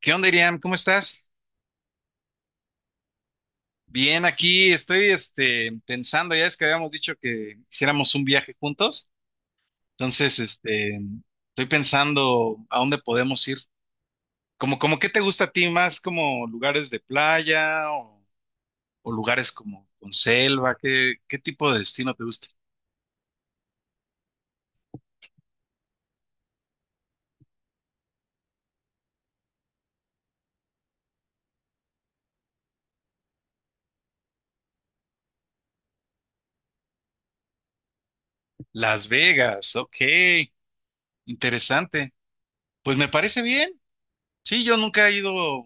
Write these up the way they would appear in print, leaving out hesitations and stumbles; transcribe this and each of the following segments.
¿Qué onda, Iriam? ¿Cómo estás? Bien, aquí estoy pensando, ya es que habíamos dicho que hiciéramos un viaje juntos, entonces estoy pensando a dónde podemos ir. Como, ¿qué te gusta a ti más? ¿Como lugares de playa o lugares como con selva? ¿Qué tipo de destino te gusta? Las Vegas, ok, interesante. Pues me parece bien. Sí, yo nunca he ido, o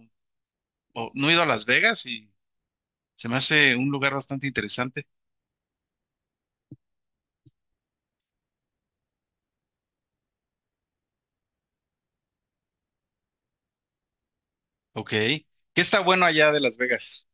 no he ido a Las Vegas y se me hace un lugar bastante interesante. Ok. ¿Qué está bueno allá de Las Vegas?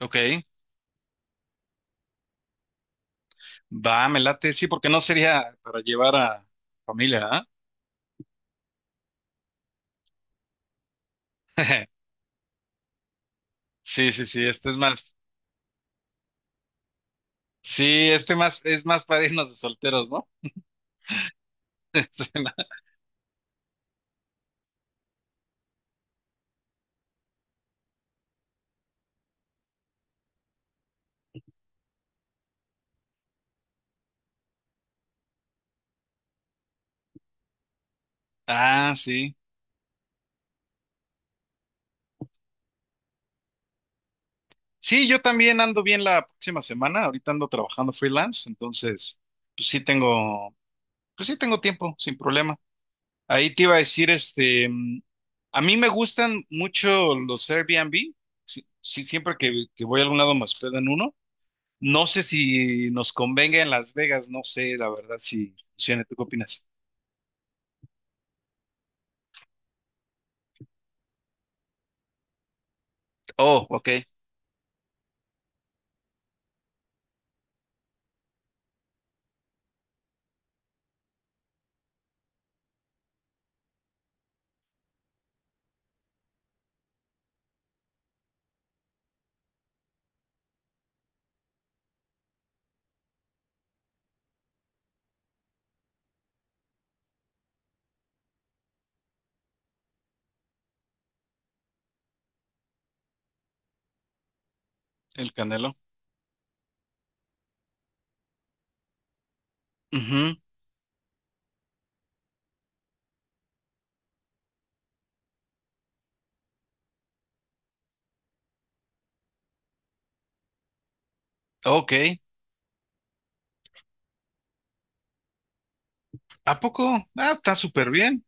Ok. Va, me late. Sí, porque no sería para llevar a familia, ¿ah? Sí, sí, sí, este es más. Sí, este más es más para irnos de solteros, ¿no? Ah, sí. Sí, yo también ando bien la próxima semana. Ahorita ando trabajando freelance, entonces, pues sí tengo, pues sí tengo tiempo, sin problema. Ahí te iba a decir, este, a mí me gustan mucho los Airbnb. Sí, sí, siempre que voy a algún lado me hospedo en uno. No sé si nos convenga en Las Vegas, no sé, la verdad, si funciona. ¿Tú qué opinas? Oh, ok. El Canelo. Ujú. Ok. ¿A poco? Ah, está súper bien.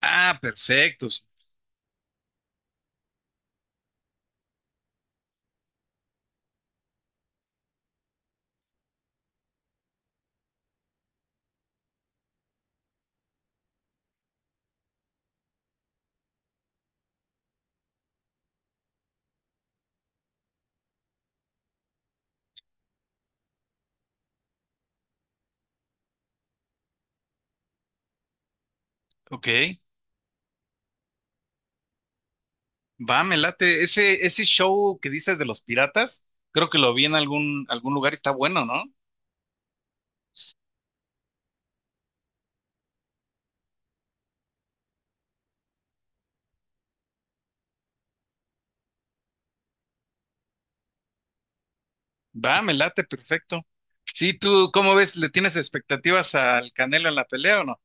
Ah, perfecto. Ok. Va, me late. Ese show que dices de los piratas, creo que lo vi en algún, algún lugar y está bueno, ¿no? Va, me late, perfecto. Sí, tú, ¿cómo ves? ¿Le tienes expectativas al Canelo en la pelea o no?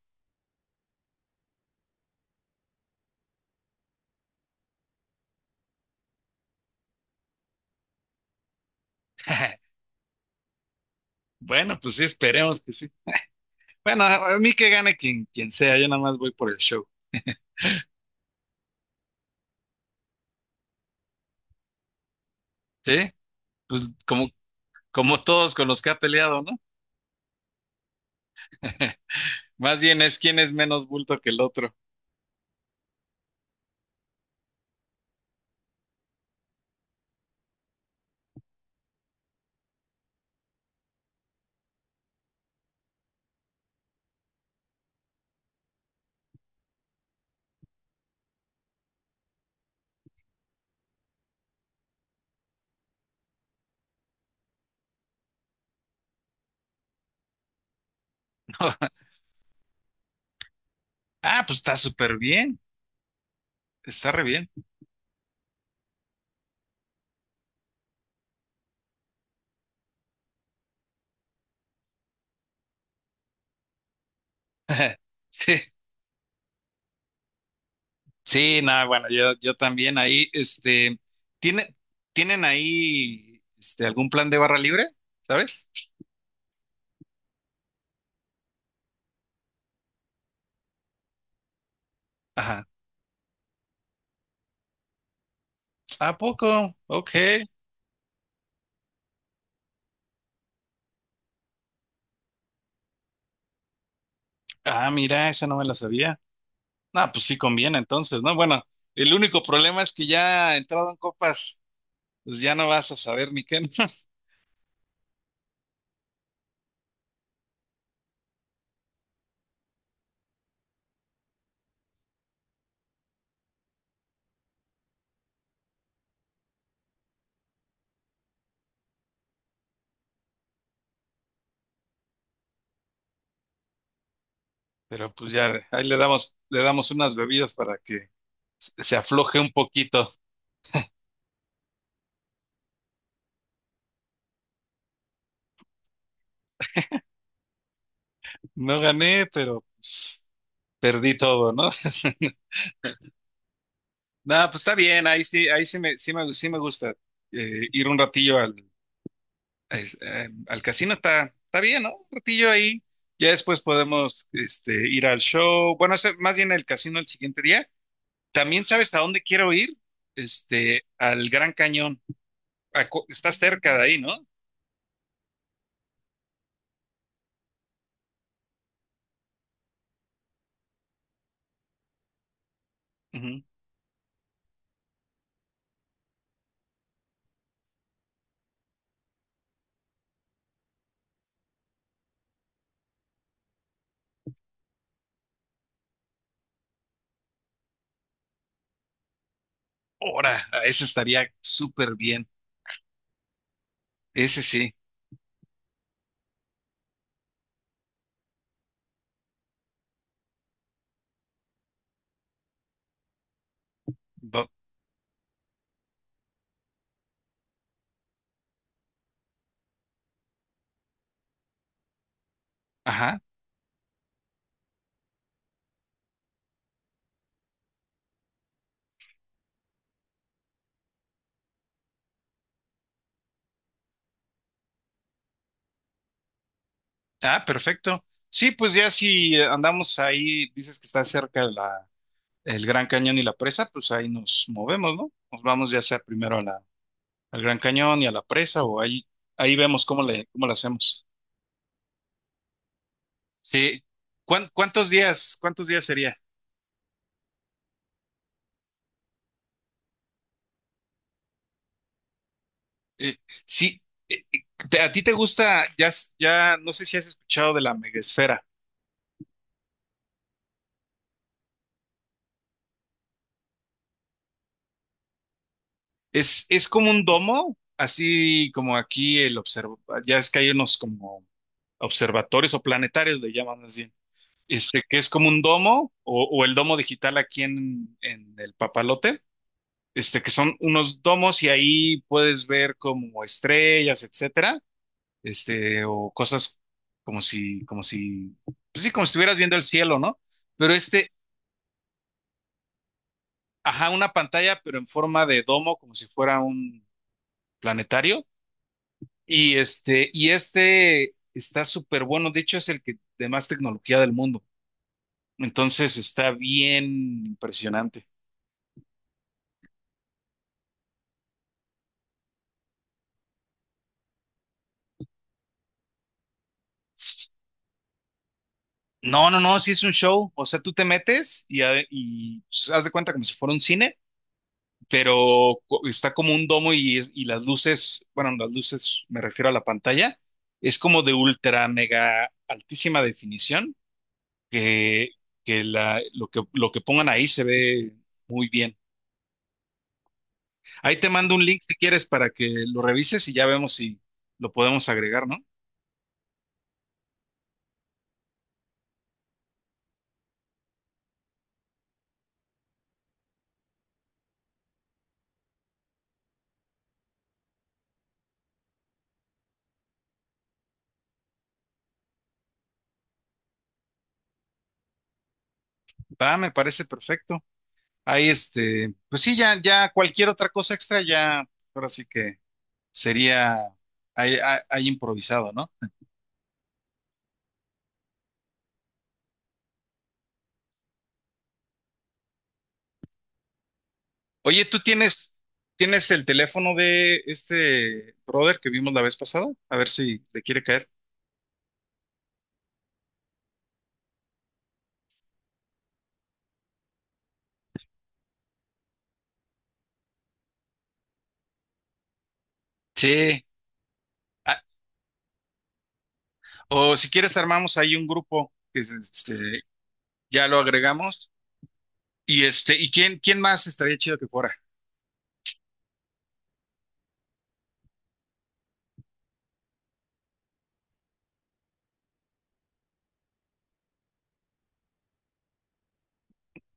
Bueno, pues sí, esperemos que sí. Bueno, a mí que gane quien, quien sea, yo nada más voy por el show. Sí, pues como, como todos con los que ha peleado, ¿no? Más bien es quién es menos bulto que el otro. Ah, pues está súper bien, está re bien. Sí, sí, no, bueno, yo también ahí, ¿tiene, ¿tienen ahí algún plan de barra libre? ¿Sabes? Ajá. ¿A poco? Ok. Ah, mira, esa no me la sabía. Ah, pues sí conviene entonces, ¿no? Bueno, el único problema es que ya entrado en copas, pues ya no vas a saber ni qué, ¿no? Pero pues ya, ahí le damos unas bebidas para que se afloje un poquito. No gané, pero pues, perdí todo, ¿no? No, pues está bien, ahí sí, sí me gusta ir un ratillo al casino, está, está bien, ¿no? Un ratillo ahí. Ya después podemos ir al show. Bueno, más bien el casino el siguiente día. También sabes a dónde quiero ir, al Gran Cañón. Estás cerca de ahí, ¿no? Ujú. Ahora, ese estaría súper bien. Ese sí. Bo- Ajá. Ah, perfecto. Sí, pues ya si andamos ahí, dices que está cerca el Gran Cañón y la presa, pues ahí nos movemos, ¿no? Nos vamos ya sea primero a al Gran Cañón y a la presa ahí vemos cómo lo hacemos. Sí. ¿Cuántos días sería? Eh, sí. eh, eh, ¿A ti te gusta, no sé si has escuchado de la megaesfera? Es como un domo, así como aquí ya es que hay unos como observatorios o planetarios, le llaman más bien, que es como un domo o el domo digital aquí en el Papalote, que son unos domos y ahí puedes ver como estrellas, etcétera, o cosas como si, pues sí, como si estuvieras viendo el cielo, ¿no? Pero ajá, una pantalla, pero en forma de domo, como si fuera un planetario. Y este está súper bueno. De hecho, es el que de más tecnología del mundo. Entonces está bien impresionante. No, no, no, sí es un show. O sea, tú te metes y pues, haz de cuenta como si fuera un cine, pero está como un domo y las luces, bueno, las luces me refiero a la pantalla, es como de ultra, mega, altísima definición, que, que lo que pongan ahí se ve muy bien. Ahí te mando un link si quieres para que lo revises y ya vemos si lo podemos agregar, ¿no? Va, me parece perfecto. Ahí pues sí, ya cualquier otra cosa extra, ya, ahora sí que sería ahí improvisado, ¿no? Oye, ¿tienes el teléfono de este brother que vimos la vez pasada? A ver si le quiere caer. Sí. Ah, o si quieres armamos ahí un grupo que es, ya lo agregamos. Y este, ¿y quién más estaría chido que fuera?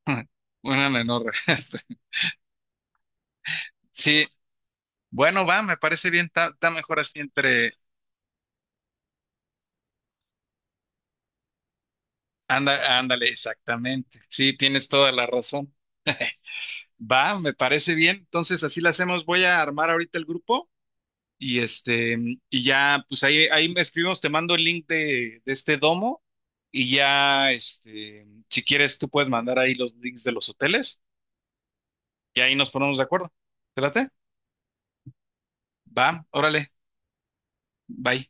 Una menor. Sí, bueno, va, me parece bien, está, está mejor así entre... Anda, ándale, exactamente. Sí, tienes toda la razón. Va, me parece bien. Entonces, así la hacemos. Voy a armar ahorita el grupo y ya, pues ahí me escribimos, te mando el link de este domo y ya, este, si quieres, tú puedes mandar ahí los links de los hoteles y ahí nos ponemos de acuerdo. ¿Te late? Va, órale, bye.